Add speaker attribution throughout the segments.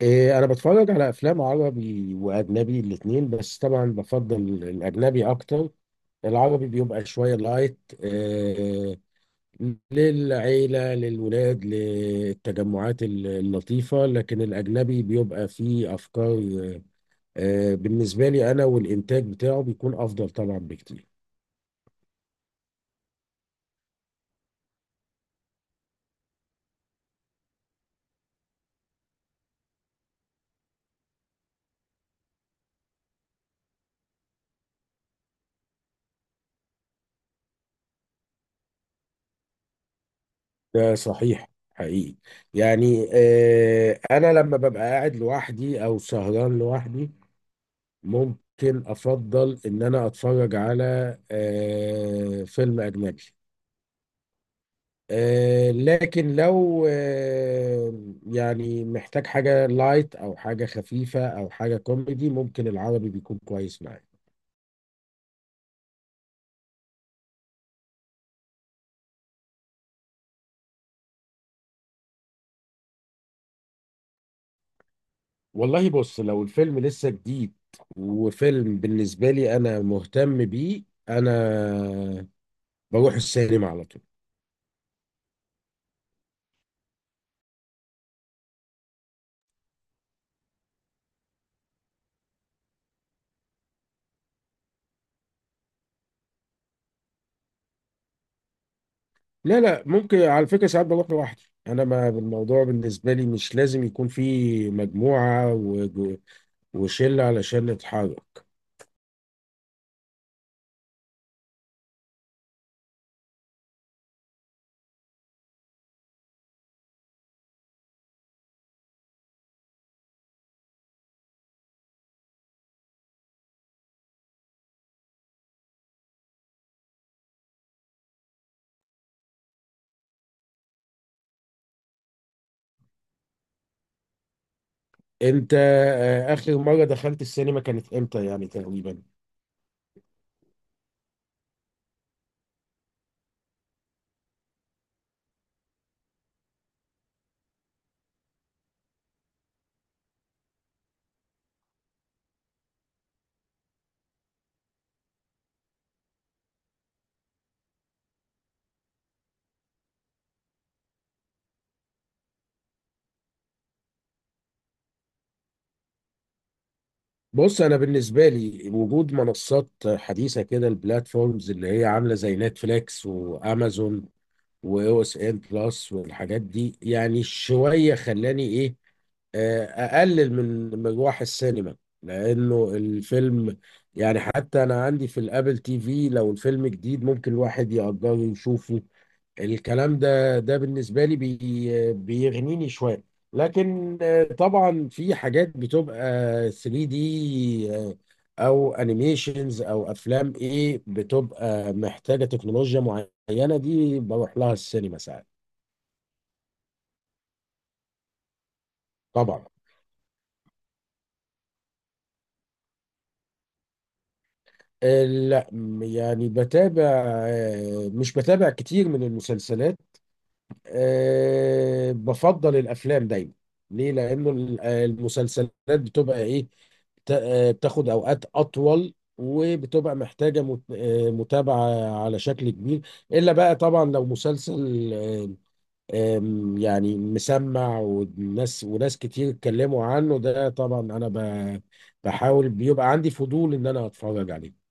Speaker 1: انا بتفرج على افلام عربي واجنبي الاثنين، بس طبعا بفضل الاجنبي اكتر. العربي بيبقى شويه لايت، للعيله، للولاد، للتجمعات اللطيفه، لكن الاجنبي بيبقى فيه افكار، بالنسبه لي انا، والانتاج بتاعه بيكون افضل طبعا بكتير. ده صحيح حقيقي. يعني انا لما ببقى قاعد لوحدي او سهران لوحدي ممكن افضل ان انا اتفرج على فيلم اجنبي، لكن لو يعني محتاج حاجة لايت او حاجة خفيفة او حاجة كوميدي، ممكن العربي بيكون كويس معايا. والله بص، لو الفيلم لسه جديد وفيلم بالنسبة لي انا مهتم بيه، انا بروح السينما على طول. لا لا، ممكن على فكرة ساعات بروح لوحدي انا، ما الموضوع بالنسبه لي مش لازم يكون في مجموعه وشلة على شلة حرك. انت اخر مرة دخلت السينما كانت امتى يعني تقريبا؟ بص، انا بالنسبة لي وجود منصات حديثة كده، البلاتفورمز اللي هي عاملة زي نتفليكس وامازون واو اس ان بلس والحاجات دي، يعني شوية خلاني ايه، اقلل من مروح السينما، لانه الفيلم يعني حتى انا عندي في الابل تي في، لو الفيلم جديد ممكن الواحد يقدر يشوفه. الكلام ده بالنسبة لي بيغنيني شوية. لكن طبعا في حاجات بتبقى 3 دي، او انيميشنز او افلام ايه، بتبقى محتاجة تكنولوجيا معينة، دي بروح لها السينما ساعات. طبعا. لا يعني بتابع، مش بتابع كتير من المسلسلات. أه، بفضل الافلام دايما. ليه؟ لانه المسلسلات بتبقى ايه، بتاخد اوقات اطول وبتبقى محتاجه متابعه على شكل كبير. الا بقى طبعا لو مسلسل آه، آم، يعني مسمع والناس وناس كتير اتكلموا عنه، ده طبعا انا بحاول بيبقى عندي فضول ان انا اتفرج عليه.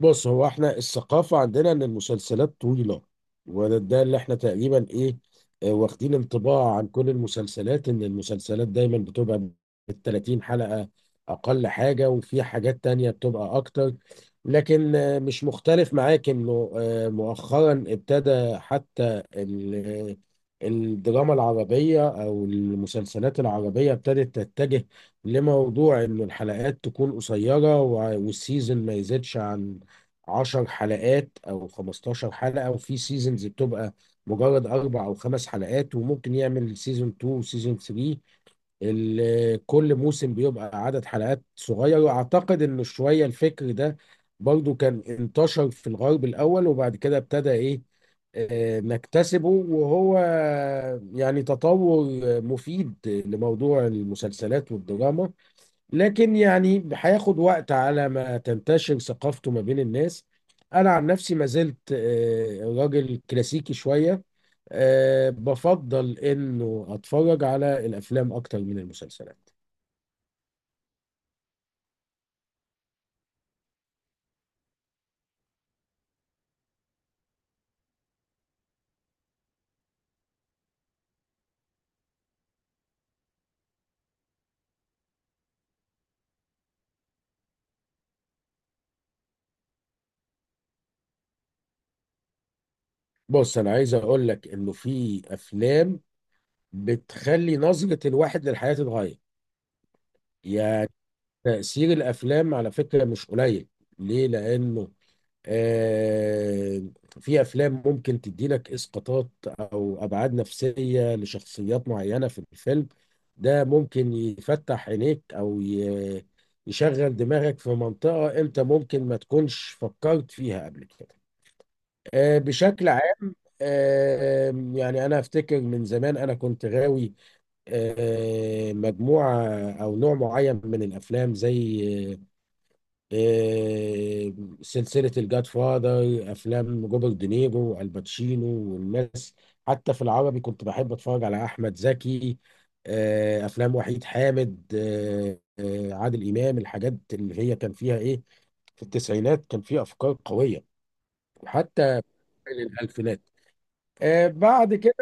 Speaker 1: بص، هو احنا الثقافة عندنا ان المسلسلات طويلة، وده اللي احنا تقريبا ايه، واخدين انطباع عن كل المسلسلات ان المسلسلات دايما بتبقى بال 30 حلقة اقل حاجة، وفي حاجات تانية بتبقى اكتر. لكن مش مختلف معاك انه مؤخرا ابتدى حتى آه، الدراما العربية او المسلسلات العربية ابتدت تتجه لموضوع ان الحلقات تكون قصيرة، والسيزون ما يزيدش عن 10 حلقات او 15 حلقة، وفي سيزونز بتبقى مجرد اربع او خمس حلقات، وممكن يعمل سيزون 2 وسيزون 3. كل موسم بيبقى عدد حلقات صغير. واعتقد ان شوية الفكر ده برضو كان انتشر في الغرب الاول، وبعد كده ابتدى ايه، نكتسبه، وهو يعني تطور مفيد لموضوع المسلسلات والدراما، لكن يعني هياخد وقت على ما تنتشر ثقافته ما بين الناس. انا عن نفسي ما زلت راجل كلاسيكي شوية، بفضل انه اتفرج على الافلام اكتر من المسلسلات. بص، انا عايز اقول لك انه في افلام بتخلي نظرة الواحد للحياة تتغير. يعني تأثير الافلام على فكرة مش قليل. ليه؟ لانه آه، في افلام ممكن تدي لك اسقاطات او ابعاد نفسيه لشخصيات معينه في الفيلم، ده ممكن يفتح عينيك او يشغل دماغك في منطقه انت ممكن ما تكونش فكرت فيها قبل كده. بشكل عام، يعني انا افتكر من زمان انا كنت غاوي مجموعه او نوع معين من الافلام، زي آه، سلسلة الجاد فاذر، أفلام روبرت دينيرو والباتشينو والناس. حتى في العربي كنت بحب أتفرج على أحمد زكي، أفلام وحيد حامد، عادل إمام، الحاجات اللي هي كان فيها إيه، في التسعينات كان فيها أفكار قوية. وحتى الألفينات بعد كده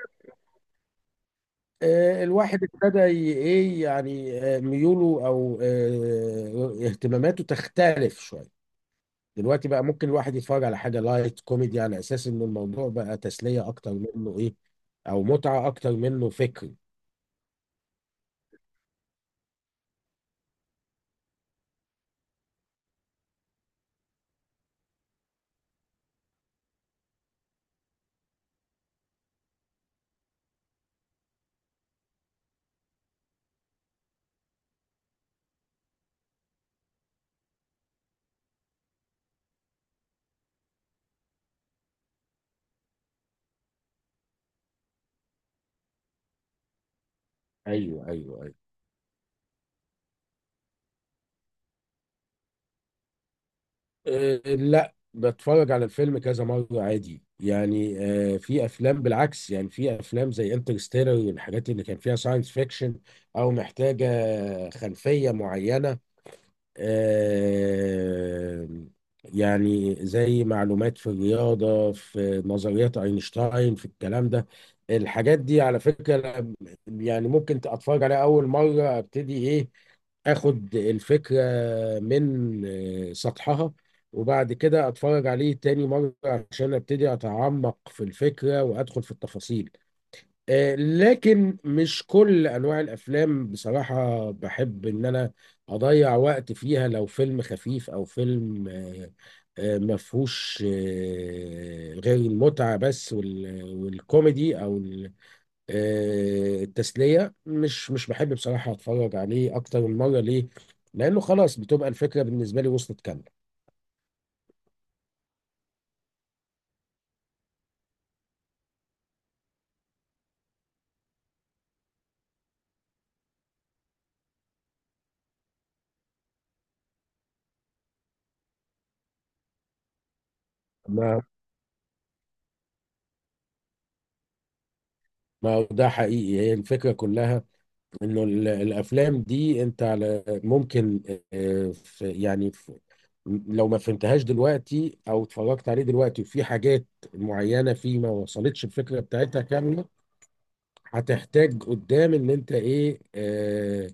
Speaker 1: الواحد ابتدى ي- إيه يعني آه، ميوله أو اهتماماته تختلف شوية. دلوقتي بقى ممكن الواحد يتفرج على حاجه لايت كوميدي، على اساس ان الموضوع بقى تسليه اكتر منه ايه، او متعه اكتر منه فكر. ايوه، ايوه، ايوه. أه لا، بتفرج على الفيلم كذا مره عادي يعني. أه في افلام بالعكس، يعني في افلام زي انترستيلر والحاجات اللي كان فيها ساينس فيكشن او محتاجه خلفيه معينه، آه، يعني زي معلومات في الرياضة في نظريات أينشتاين في الكلام ده. الحاجات دي على فكرة يعني ممكن أتفرج عليها أول مرة أبتدي إيه، اخد الفكرة من سطحها، وبعد كده اتفرج عليه تاني مرة عشان ابتدي اتعمق في الفكرة وادخل في التفاصيل. لكن مش كل انواع الافلام بصراحه بحب ان انا اضيع وقت فيها. لو فيلم خفيف او فيلم ما فيهوش غير المتعه بس والكوميدي او التسليه، مش بحب بصراحه اتفرج عليه اكتر من مره. ليه؟ لانه خلاص بتبقى الفكره بالنسبه لي وصلت كامله. ما ما هو ده حقيقي، هي الفكره كلها انه الافلام دي انت على ممكن آه، في يعني في لو ما فهمتهاش دلوقتي او اتفرجت عليه دلوقتي وفي حاجات معينه فيه ما وصلتش الفكره بتاعتها كامله، هتحتاج قدام ان انت ايه، آه،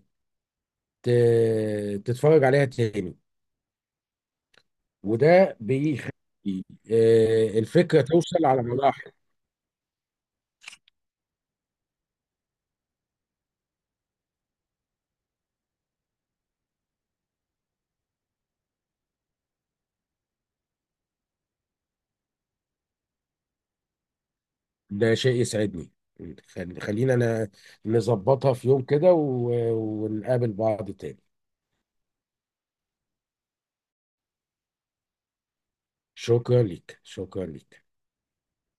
Speaker 1: ت- تتفرج عليها تاني. وده بيخلي الفكره توصل على مراحل. ده شيء يسعدني. خلينا انا نظبطها في يوم كده ونقابل بعض تاني. شكرا ليك، شكرا ليك.